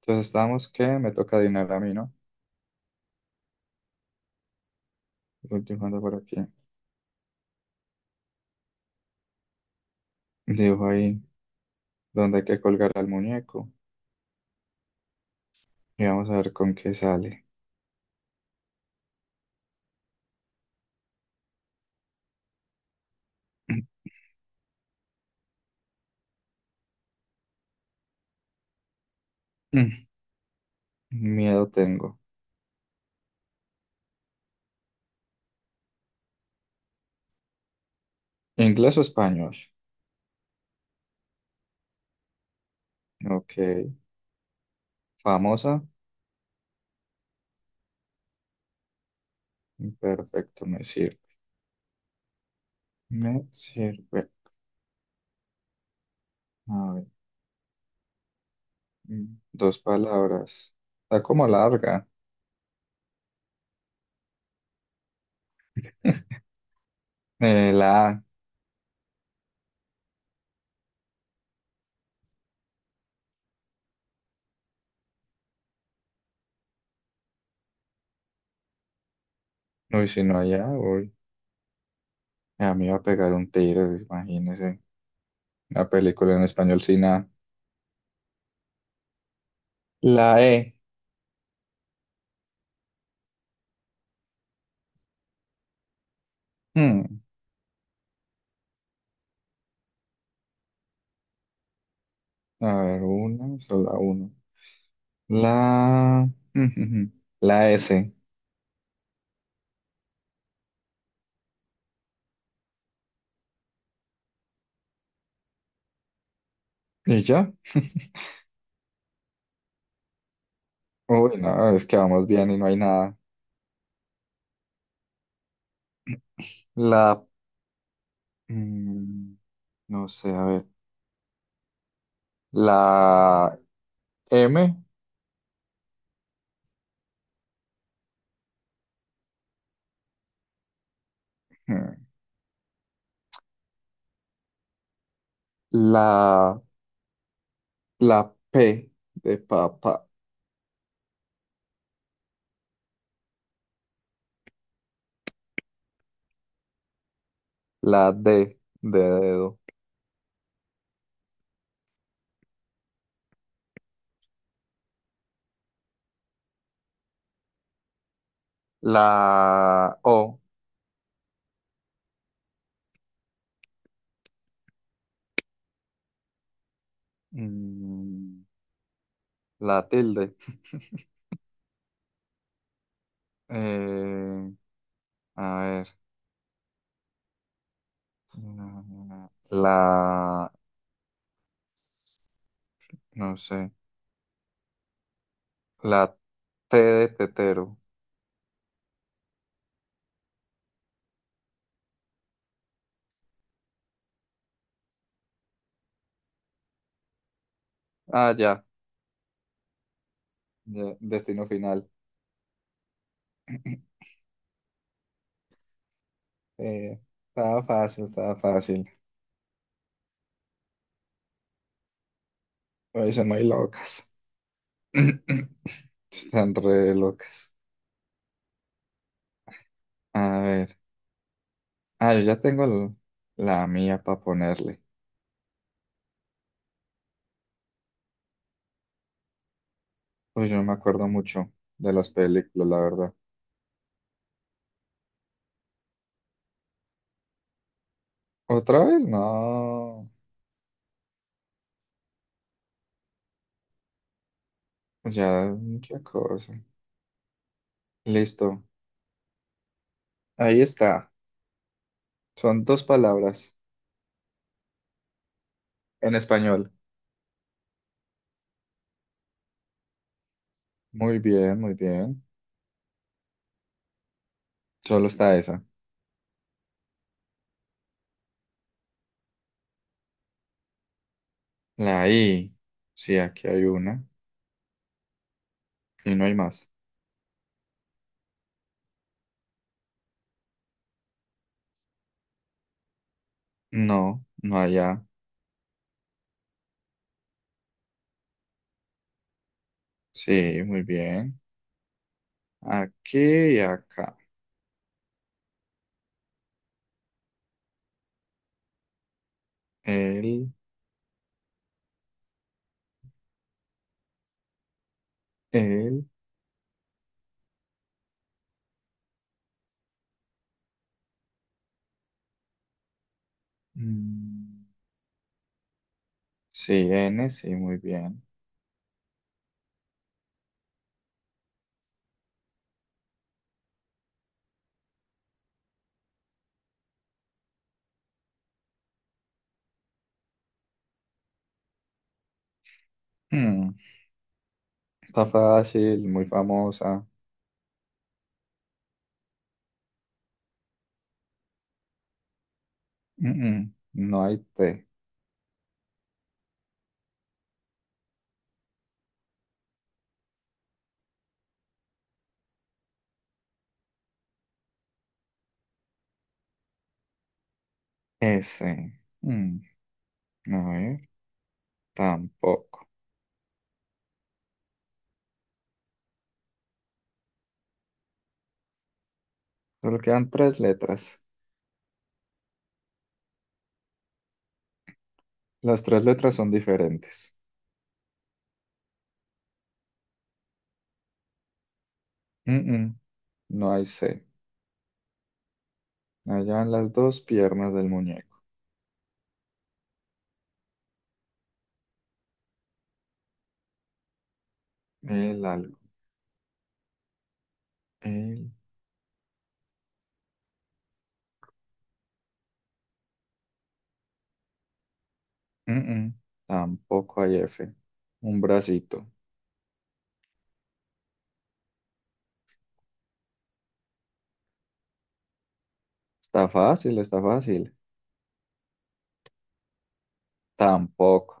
Entonces estábamos que me toca adivinar a mí, ¿no? Voy dibujando por aquí. Dibujo ahí donde hay que colgar al muñeco. Y vamos a ver con qué sale. Miedo tengo. ¿Inglés o español? Ok. Famosa. Perfecto, me sirve. Me sirve. A ver. Dos palabras. Está como larga. La A. Uy, si no allá, uy. A mí va a pegar un tiro, imagínese. Una película en español sin A. La E. Hmm. A ver, una, solo una. La, la S. ¿Y ya? Uy, no, es que vamos bien y no hay nada. La, mm, no sé, a ver. La M. Mm. La, la P de papá. La D de dedo. La O. Mm, la tilde. Eh, a ver. La, la- no sé. La T de tetero. Ah, ya. Ya, Destino final. Eh, estaba fácil, estaba fácil. Hoy son muy locas. Están re locas. A ver. Ah, yo ya tengo el- la mía para ponerle. Pues yo no me acuerdo mucho de las películas, la verdad. ¿Otra vez? No. Ya, mucha cosa. Listo. Ahí está. Son dos palabras en español. Muy bien, muy bien. Solo está esa. La I. Sí, aquí hay una. Y no hay más. No, no hay A. Sí, muy bien. Aquí y acá. El, el. mm, Sí, N, sí, muy bien. Mm, Está fácil, muy famosa. Mm, mm, No hay T. S. Mm, A ver, tampoco. Solo quedan tres letras. Las tres letras son diferentes. Mm, mm, No hay C. Allá en las dos piernas del muñeco. El algodón. El, mm, mm. Tampoco hay F. Un bracito. Está fácil, está fácil. Tampoco.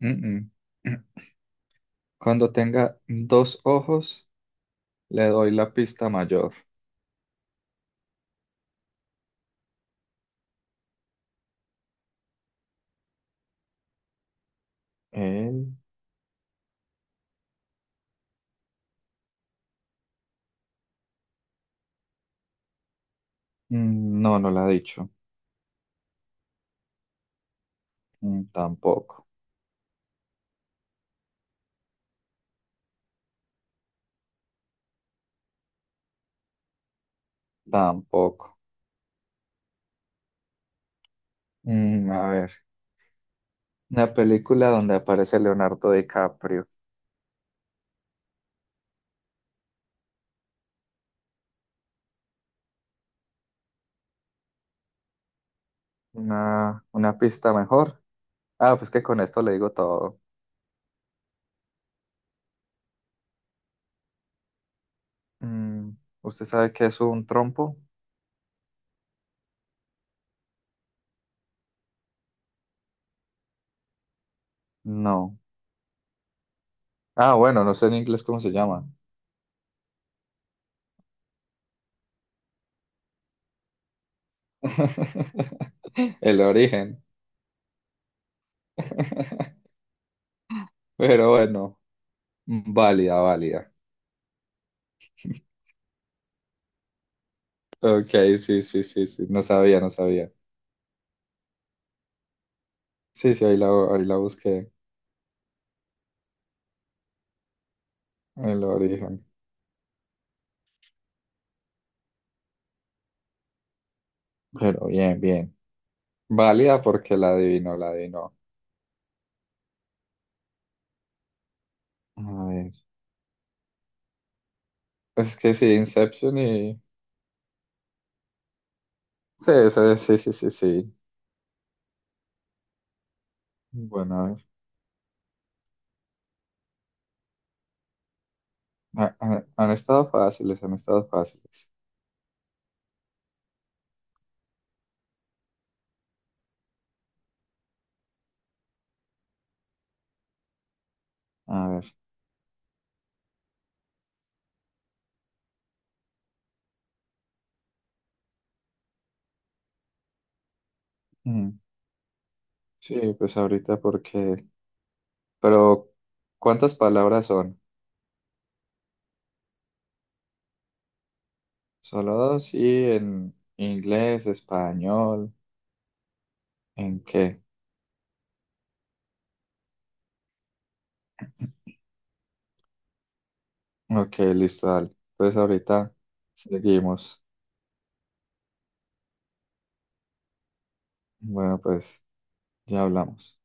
Mm, mm. Cuando tenga dos ojos, le doy la pista mayor. el, mm, no, no la ha dicho. Mm, tampoco. Tampoco. A ver. Una película donde aparece Leonardo DiCaprio. Una pista mejor. Ah, pues que con esto le digo todo. Mm, ¿Usted sabe qué es un trompo? No. Ah, bueno, no sé en inglés cómo se llama. El origen. Pero bueno, válida, válida. Ok, sí, sí, sí, sí. No sabía, no sabía. Sí, sí, ahí la, ahí la busqué. El origen. Pero bien, bien. Válida porque la adivinó, la adivinó. A ver. Es que sí, Inception y... Sí, sí, sí, sí, sí, sí. Bueno, a ver. Ah, ah, han estado fáciles, han estado fáciles. A ver. Mm. Sí, pues ahorita porque pero, ¿cuántas palabras son? Solo dos y en inglés, español, ¿en qué? Ok, listo, dale. Entonces ahorita seguimos. Bueno, pues ya hablamos.